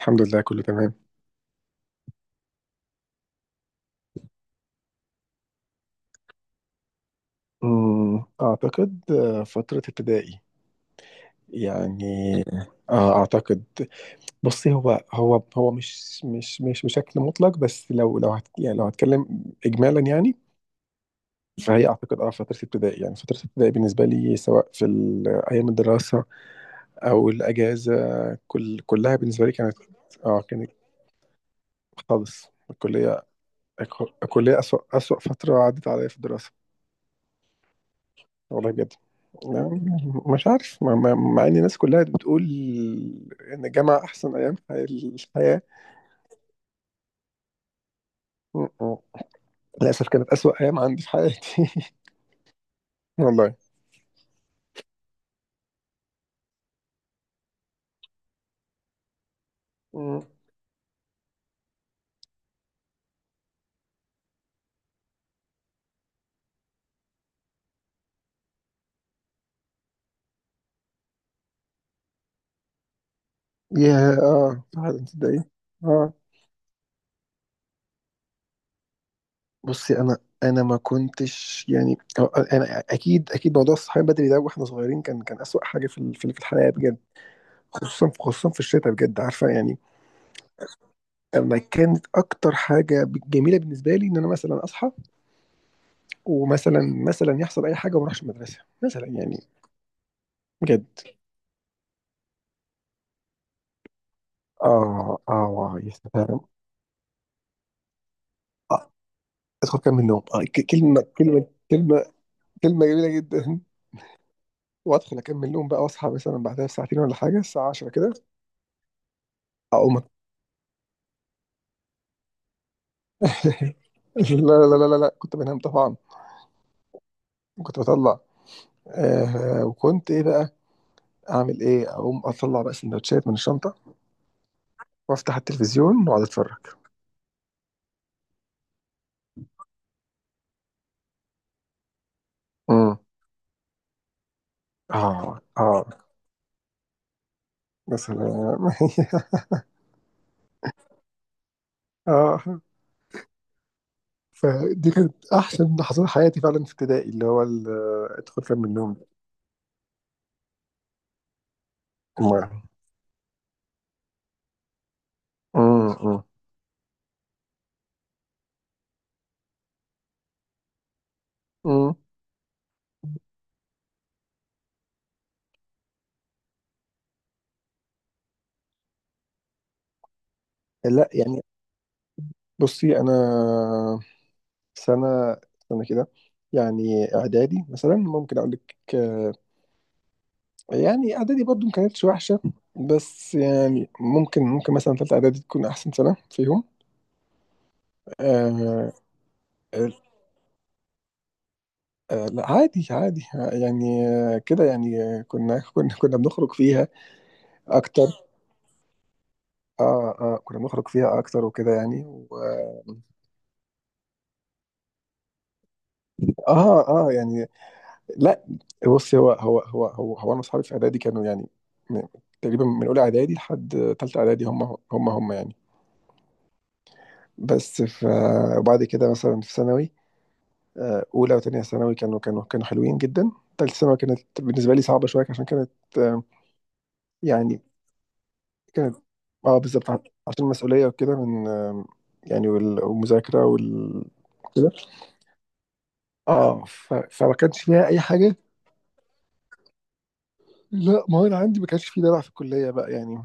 الحمد لله كله تمام. أعتقد فترة ابتدائي يعني. أعتقد. بصي هو مش بشكل مطلق، بس لو هتكلم إجمالا يعني. فهي أعتقد فترة ابتدائي يعني، فترة ابتدائي بالنسبة لي سواء في أيام الدراسة أو الأجازة، كلها بالنسبة لي كانت. أه كانت. خالص الكلية. الكلية أسوأ، فترة عدت عليا في الدراسة. والله بجد. لا، مش عارف مع ان الناس كلها بتقول ان الجامعه احسن ايام في الحياه. م- م. للاسف كانت اسوأ ايام عندي في حياتي. والله. م. يا فعلا تصدقي. اه. بصي انا ما كنتش يعني، انا اكيد موضوع الصحيان بدري ده واحنا صغيرين، كان اسوأ حاجه في في الحياه بجد. خصوصا في الشتاء، بجد عارفه يعني. انا كانت اكتر حاجه جميله بالنسبه لي ان انا مثلا اصحى، ومثلا، يحصل اي حاجه وما اروحش المدرسه مثلا يعني. بجد. اه اه، يا سلام. آه. ادخل اكمل نوم. كلمه كلمه جميله جدا. وادخل اكمل نوم بقى واصحى مثلا بعدها بساعتين ولا حاجه، الساعه 10 كده. اقوم أت- لا، كنت بنام طبعا. وكنت بطلع. آه، وكنت ايه بقى اعمل ايه، اقوم اطلع بقى سندوتشات من الشنطه وافتح التلفزيون واقعد اتفرج. امم. اه اه. مثلا. اه. فدي كانت احسن لحظات حياتي فعلا في ابتدائي، ادخل فين من النوم. ما- أمم، أمم. لا يعني. بصي انا سنه سنه كده، يعني اعدادي مثلا ممكن اقول لك يعني اعدادي برضو ما كانتش وحشه، بس يعني ممكن مثلا ثالثه اعدادي تكون احسن سنه فيهم. آه. لا عادي يعني، كده يعني، كنا بنخرج فيها اكتر. اه اه، كنا بنخرج فيها اكتر وكده يعني. و... اه اه يعني. لا. بص هو انا اصحابي في اعدادي كانوا يعني، م- تقريبا من اولى اعدادي لحد ثالثه اعدادي هم، يعني. بس ف وبعد كده مثلا في ثانوي، اولى وثانيه ثانوي كانوا حلوين جدا. ثالثه ثانوي كانت بالنسبه لي صعبه شويه عشان كانت، آه، يعني كانت. اه بالظبط، عشان المسؤوليه وكده، من يعني والمذاكره كده. اه فما كانش فيها اي حاجه. لا ما هو انا عندي ما كانش في دلع في الكليه بقى يعني.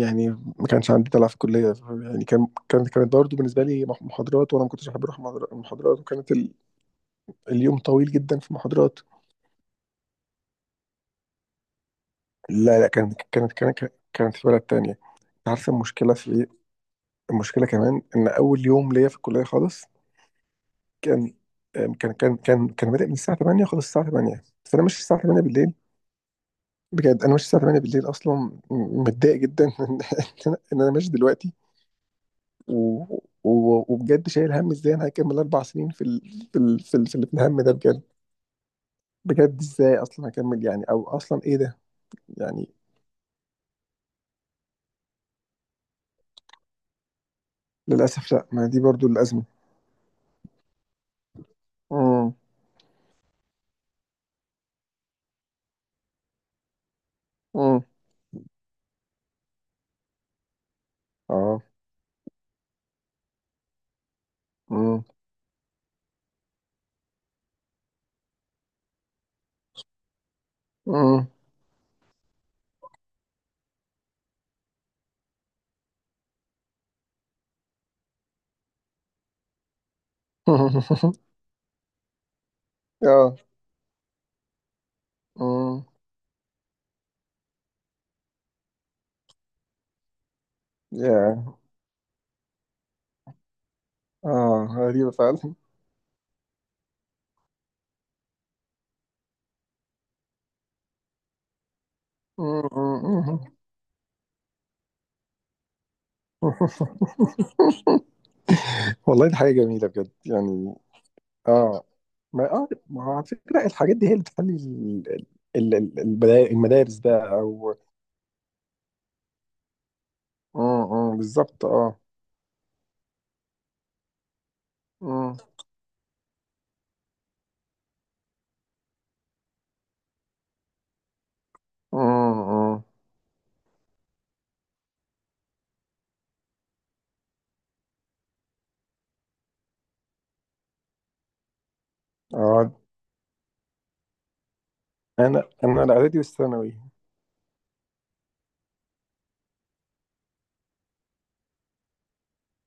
يعني ما كانش عندي دلع في الكليه، يعني كانت برضه بالنسبه لي محاضرات، وانا ما كنتش بحب اروح محاضرات، وكانت اليوم طويل جدا في محاضرات. لا لا كانت في بلد تانية. انت عارفه المشكله في ايه؟ المشكله كمان، ان اول يوم ليا في الكليه خالص كان، كان بادئ من الساعه 8، خلص الساعه 8، فانا ماشي الساعه 8 بالليل. بجد انا ماشي الساعه 8 بالليل اصلا، متضايق جدا إن انا، إن أنا ماشي دلوقتي. و... وبجد شايل هم ازاي انا هكمل 4 سنين في في الهم ده بجد. بجد ازاي اصلا هكمل يعني، او اصلا ايه ده يعني. للاسف لا، ما دي برضو الازمه. امم. امم. اه. امم. امم. اه. امم. يا اه، غريبه فعلا. أمم. والله دي حاجه جميله بجد يعني. اه. ما اه، ما هو على فكرة الحاجات دي هي اللي بتخلي المدارس بقى او. بالظبط اه. امم. امم. اه اه. انا الاعدادي والثانوي.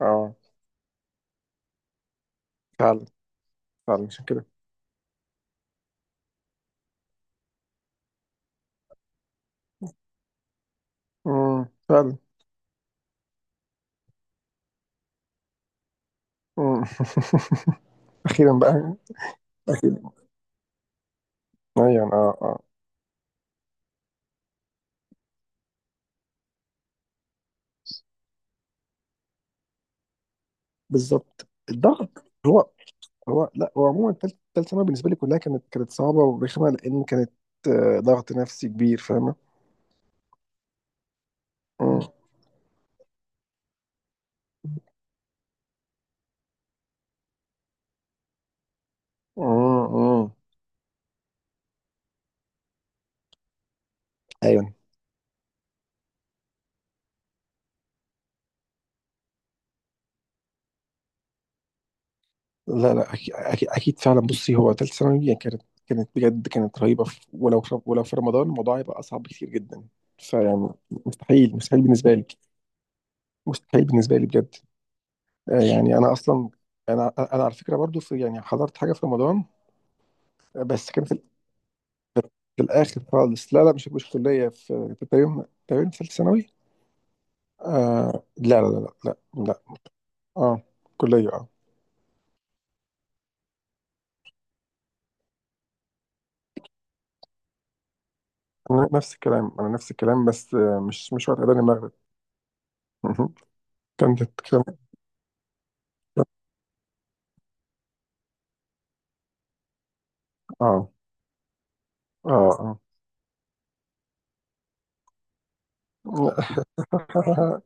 اه، فعلا فعلا عشان كده. فعلا. امم. اخيرا بقى. اخيرا. ايوه اه اه بالظبط. الضغط هو، لا هو عموما تالت ثانوي بالنسبة لي كلها كانت صعبة ورخمة، لأن كانت ضغط نفسي كبير، فاهمة. امم. امم. ايوه. لا لا أكيد فعلا. بصي هو تالت ثانوي يعني كانت، بجد كانت رهيبة، ولو في رمضان الموضوع هيبقى أصعب بكتير جدا. فيعني مستحيل بالنسبة لي. مستحيل بالنسبة لي بجد. يعني أنا أصلا، أنا على فكرة برضو، في يعني حضرت حاجة في رمضان، بس كان في الآخر خالص. لا لا مش في كلية، في في تقريبا، في تالت ثانوي. آه لا لا لا لا لا لا. اه كلية اه. أنا نفس الكلام، بس مش وقت أذان المغرب. كانت كانت- اه اه اه.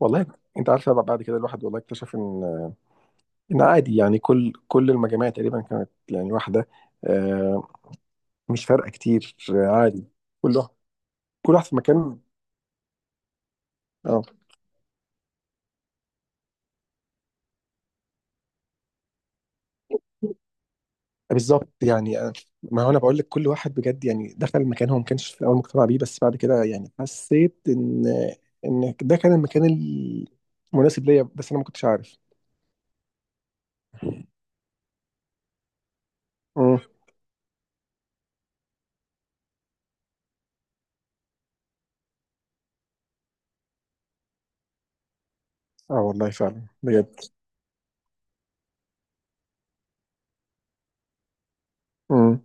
والله. انت عارفه بقى، بعد كده الواحد والله اكتشف ان، ان عادي يعني كل المجاميع تقريبا كانت يعني واحده، آه، مش فارقه كتير. عادي. كل واحد، في مكان. اه بالظبط يعني. ما هو انا بقول لك كل واحد بجد يعني دخل مكان هو ما كانش في الاول مقتنع بيه، بس بعد كده يعني حسيت ان، ان ده كان المكان المناسب ليا، بس انا ما كنتش عارف. مم. اه والله فعلا. بجد.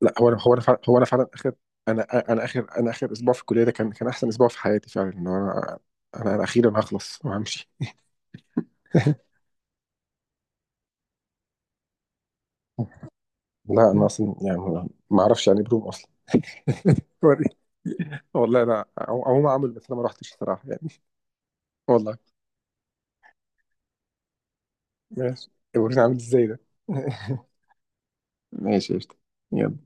لا هو انا هو انا فعلا هو انا فعلا اخر، انا انا اخر اسبوع في الكليه ده، كان احسن اسبوع في حياتي فعلا. ان انا، انا اخيرا هخلص وهمشي. لا انا اصلا يعني ما اعرفش يعني إيه بروم اصلا. وري. والله انا عموما عامل، بس انا ما رحتش الصراحه يعني. والله. ماشي. وريني عامل ازاي ده. ماشي قشطة. يلا.